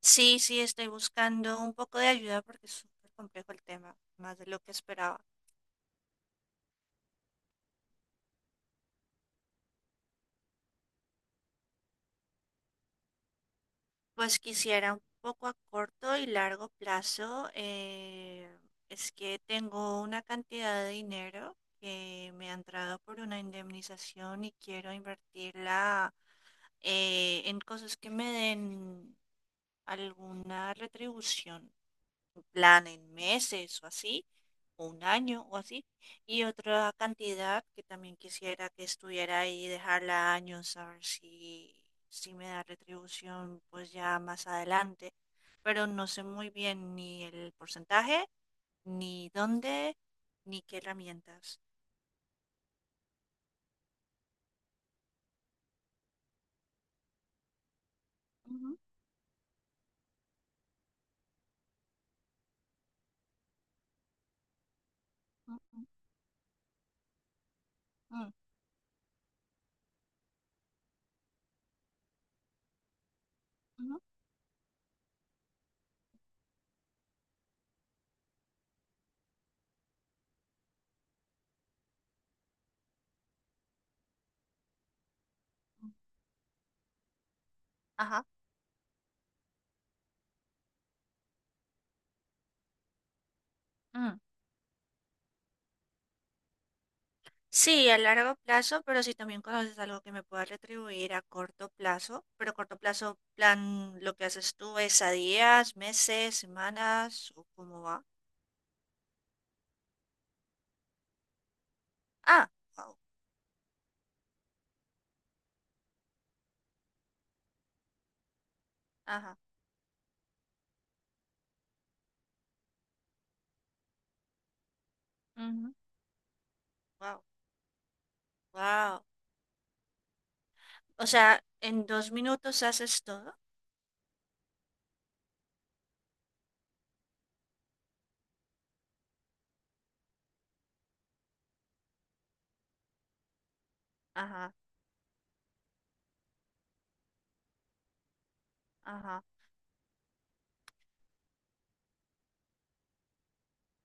Sí, sí, estoy buscando un poco de ayuda porque es súper complejo el tema, más de lo que esperaba. Pues quisiera un poco a corto y largo plazo. Es que tengo una cantidad de dinero que me ha entrado por una indemnización y quiero invertirla en cosas que me den alguna retribución. Un plan en meses o así, o un año o así, y otra cantidad que también quisiera que estuviera ahí y dejarla años a ver si, si me da retribución pues ya más adelante, pero no sé muy bien ni el porcentaje, ni dónde, ni qué herramientas. Ujú, ujú, ujú, ujú, ujú. Ajá. Sí, a largo plazo, pero si también conoces algo que me pueda retribuir a corto plazo, pero corto plazo, plan, lo que haces tú es a días, meses, semanas, o cómo va. Ah, wow, ajá, ujú, wow, wow. O sea, ¿en dos minutos haces todo? Ajá, ajá.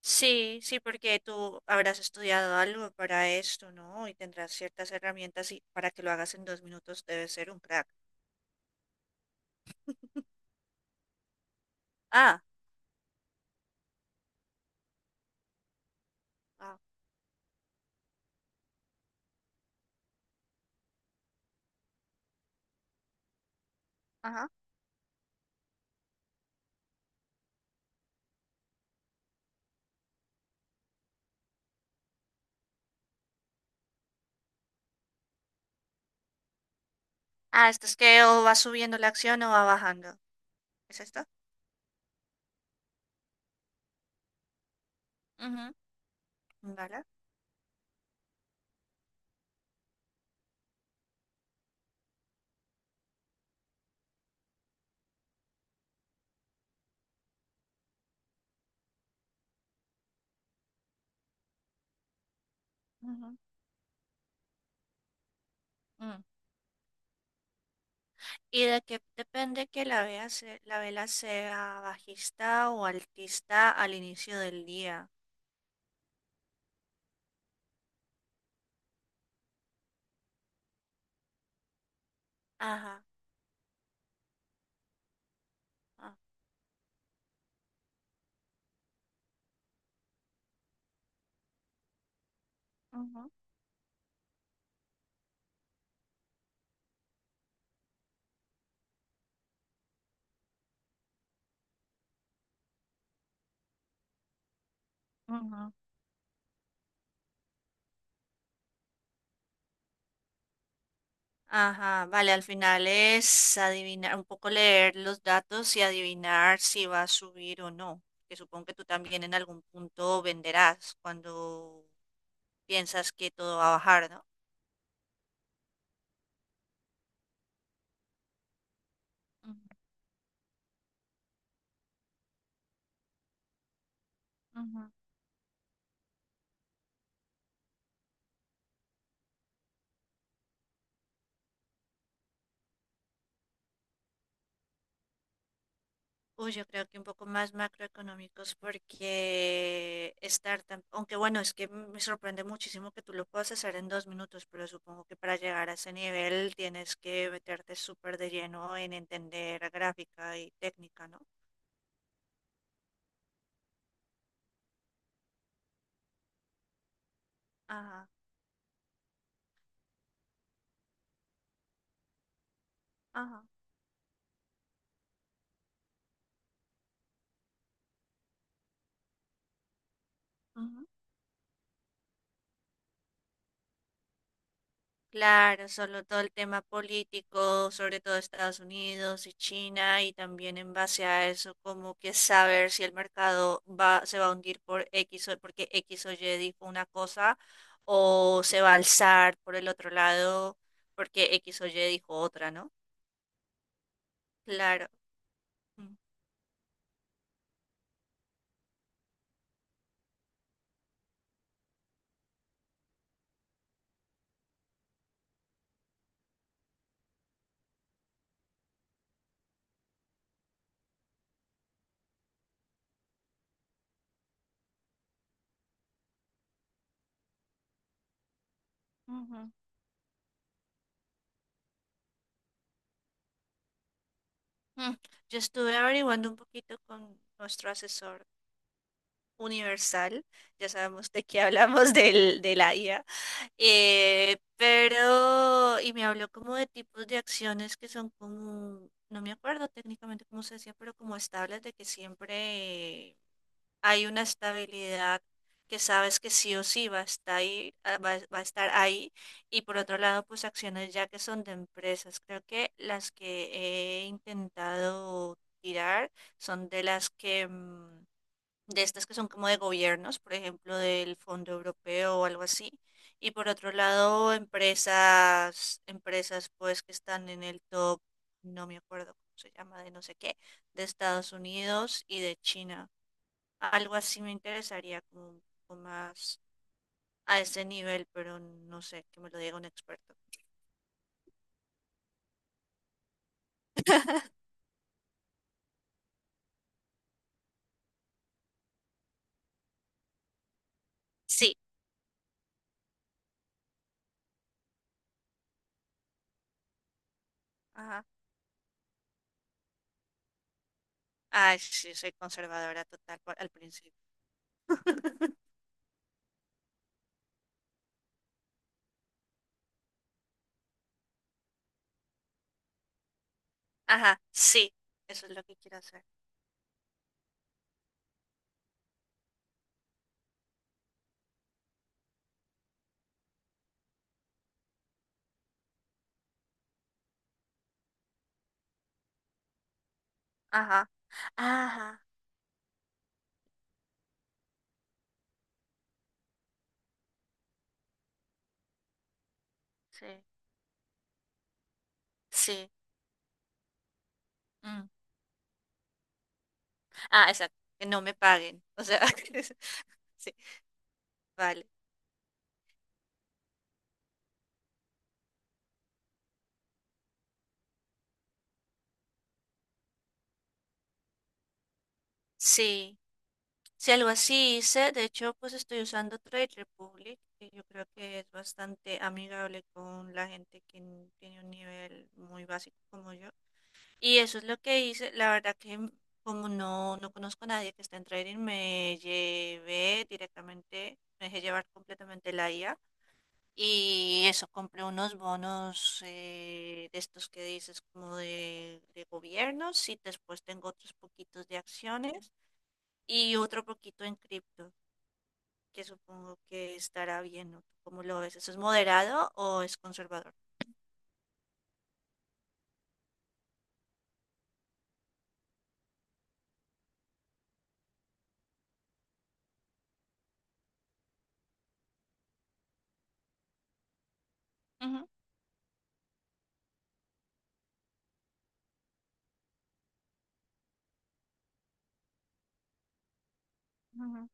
Sí, sí, porque tú habrás estudiado algo para esto, ¿no? Y tendrás ciertas herramientas y para que lo hagas en dos minutos debes ser un crack. Ah, wow. Ah, ¿esto es que o va subiendo la acción o va bajando? ¿Es esto? Ujú. Vale. Ujú, mm. ¿Y de que depende que la vela, se- la vela sea bajista o altista al inicio del día? Ajá. Ah, ujú, ujú. Ajá, vale, al final es adivinar, un poco leer los datos y adivinar si va a subir o no. Que supongo que tú también en algún punto venderás cuando piensas que todo va a bajar, ¿no? Ujú. Uy, yo creo que un poco más macroeconómicos porque estar tan, aunque bueno, es que me sorprende muchísimo que tú lo puedas hacer en dos minutos, pero supongo que para llegar a ese nivel tienes que meterte súper de lleno en entender gráfica y técnica, ¿no? Ajá, ajá. Ujú. Claro, solo todo el tema político, sobre todo Estados Unidos y China, y también en base a eso, como que saber si el mercado va, se va a hundir por X o porque X o Y dijo una cosa o se va a alzar por el otro lado porque X o Y dijo otra, ¿no? Claro. Mm, ujú. Mm. Yo estuve averiguando un poquito con nuestro asesor universal, ya sabemos de qué hablamos del, de la IA, pero, y me habló como de tipos de acciones que son como, no me acuerdo técnicamente cómo se decía, pero como estables de que siempre hay una estabilidad que sabes que sí o sí va a estar ahí, ah, va, va a estar ahí. Y por otro lado, pues acciones ya que son de empresas. Creo que las que he intentado tirar son de las que, mm, de estas que son como de gobiernos, por ejemplo, del Fondo Europeo o algo así. Y por otro lado, empresas, empresas pues que están en el top, no me acuerdo cómo se llama, de no sé qué, de Estados Unidos y de China. Algo así me interesaría como un poco más a ese nivel, pero no sé, que me lo diga un experto. Sí. Ajá. Ay, sí, soy conservadora total por- al principio. Ajá, sí, eso es lo que quiero hacer. Ajá, ajá, sí, sí. Mm. Ah, exacto, que no me paguen. O sea, sí, vale. Sí. Si algo así hice, de hecho, pues estoy usando Trade Republic, que yo creo que es bastante amigable con la gente que n- tiene un nivel muy básico como yo. Y eso es lo que hice. La verdad que m- como no, no conozco a nadie que esté en trading, me llevé directamente, me dejé llevar completamente la IA. Y eso, compré unos bonos de estos que dices como de gobiernos y después tengo otros poquitos de acciones y otro poquito en cripto que supongo que estará bien, ¿no? ¿Cómo lo ves? ¿Eso es moderado o es conservador? Ujú, ujú.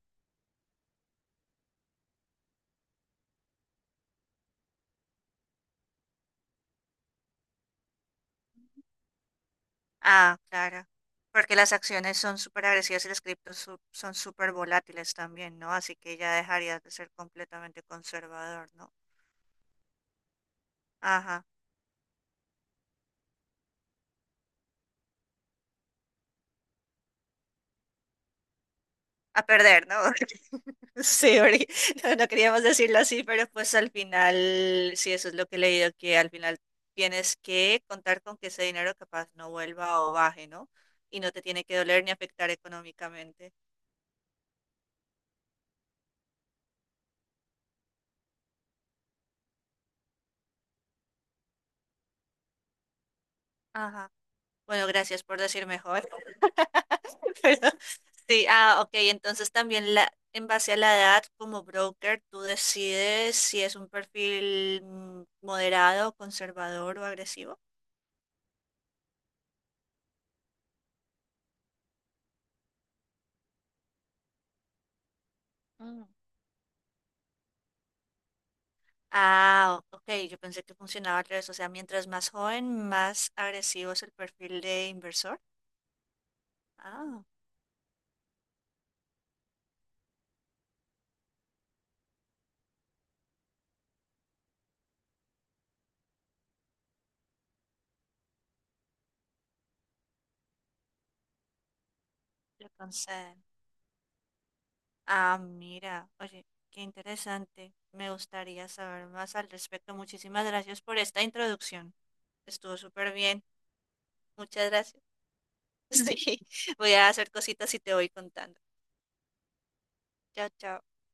Ah, claro. Porque las acciones son súper agresivas y las criptos su- son súper volátiles también, ¿no? Así que ya dejarías de ser completamente conservador, ¿no? Ajá. A perder, ¿no? Sí, porque no, no queríamos decirlo así, pero pues al final, sí, eso es lo que he leído, que al final tienes que contar con que ese dinero capaz no vuelva o baje, ¿no? Y no te tiene que doler ni afectar económicamente. Ajá. Bueno, gracias por decir mejor. Pero, sí, ah, ok, entonces también la, en base a la edad, como broker, tú decides si es un perfil mm, moderado, conservador o agresivo. Mm. Ah, o- ok, yo pensé que funcionaba al revés, o sea, mientras más joven, más agresivo es el perfil de inversor. Ah, le conceden. Ah, mira, oye, qué interesante. Me gustaría saber más al respecto. Muchísimas gracias por esta introducción. Estuvo súper bien. Muchas gracias. Sí, voy a hacer cositas y te voy contando. Chao, chao.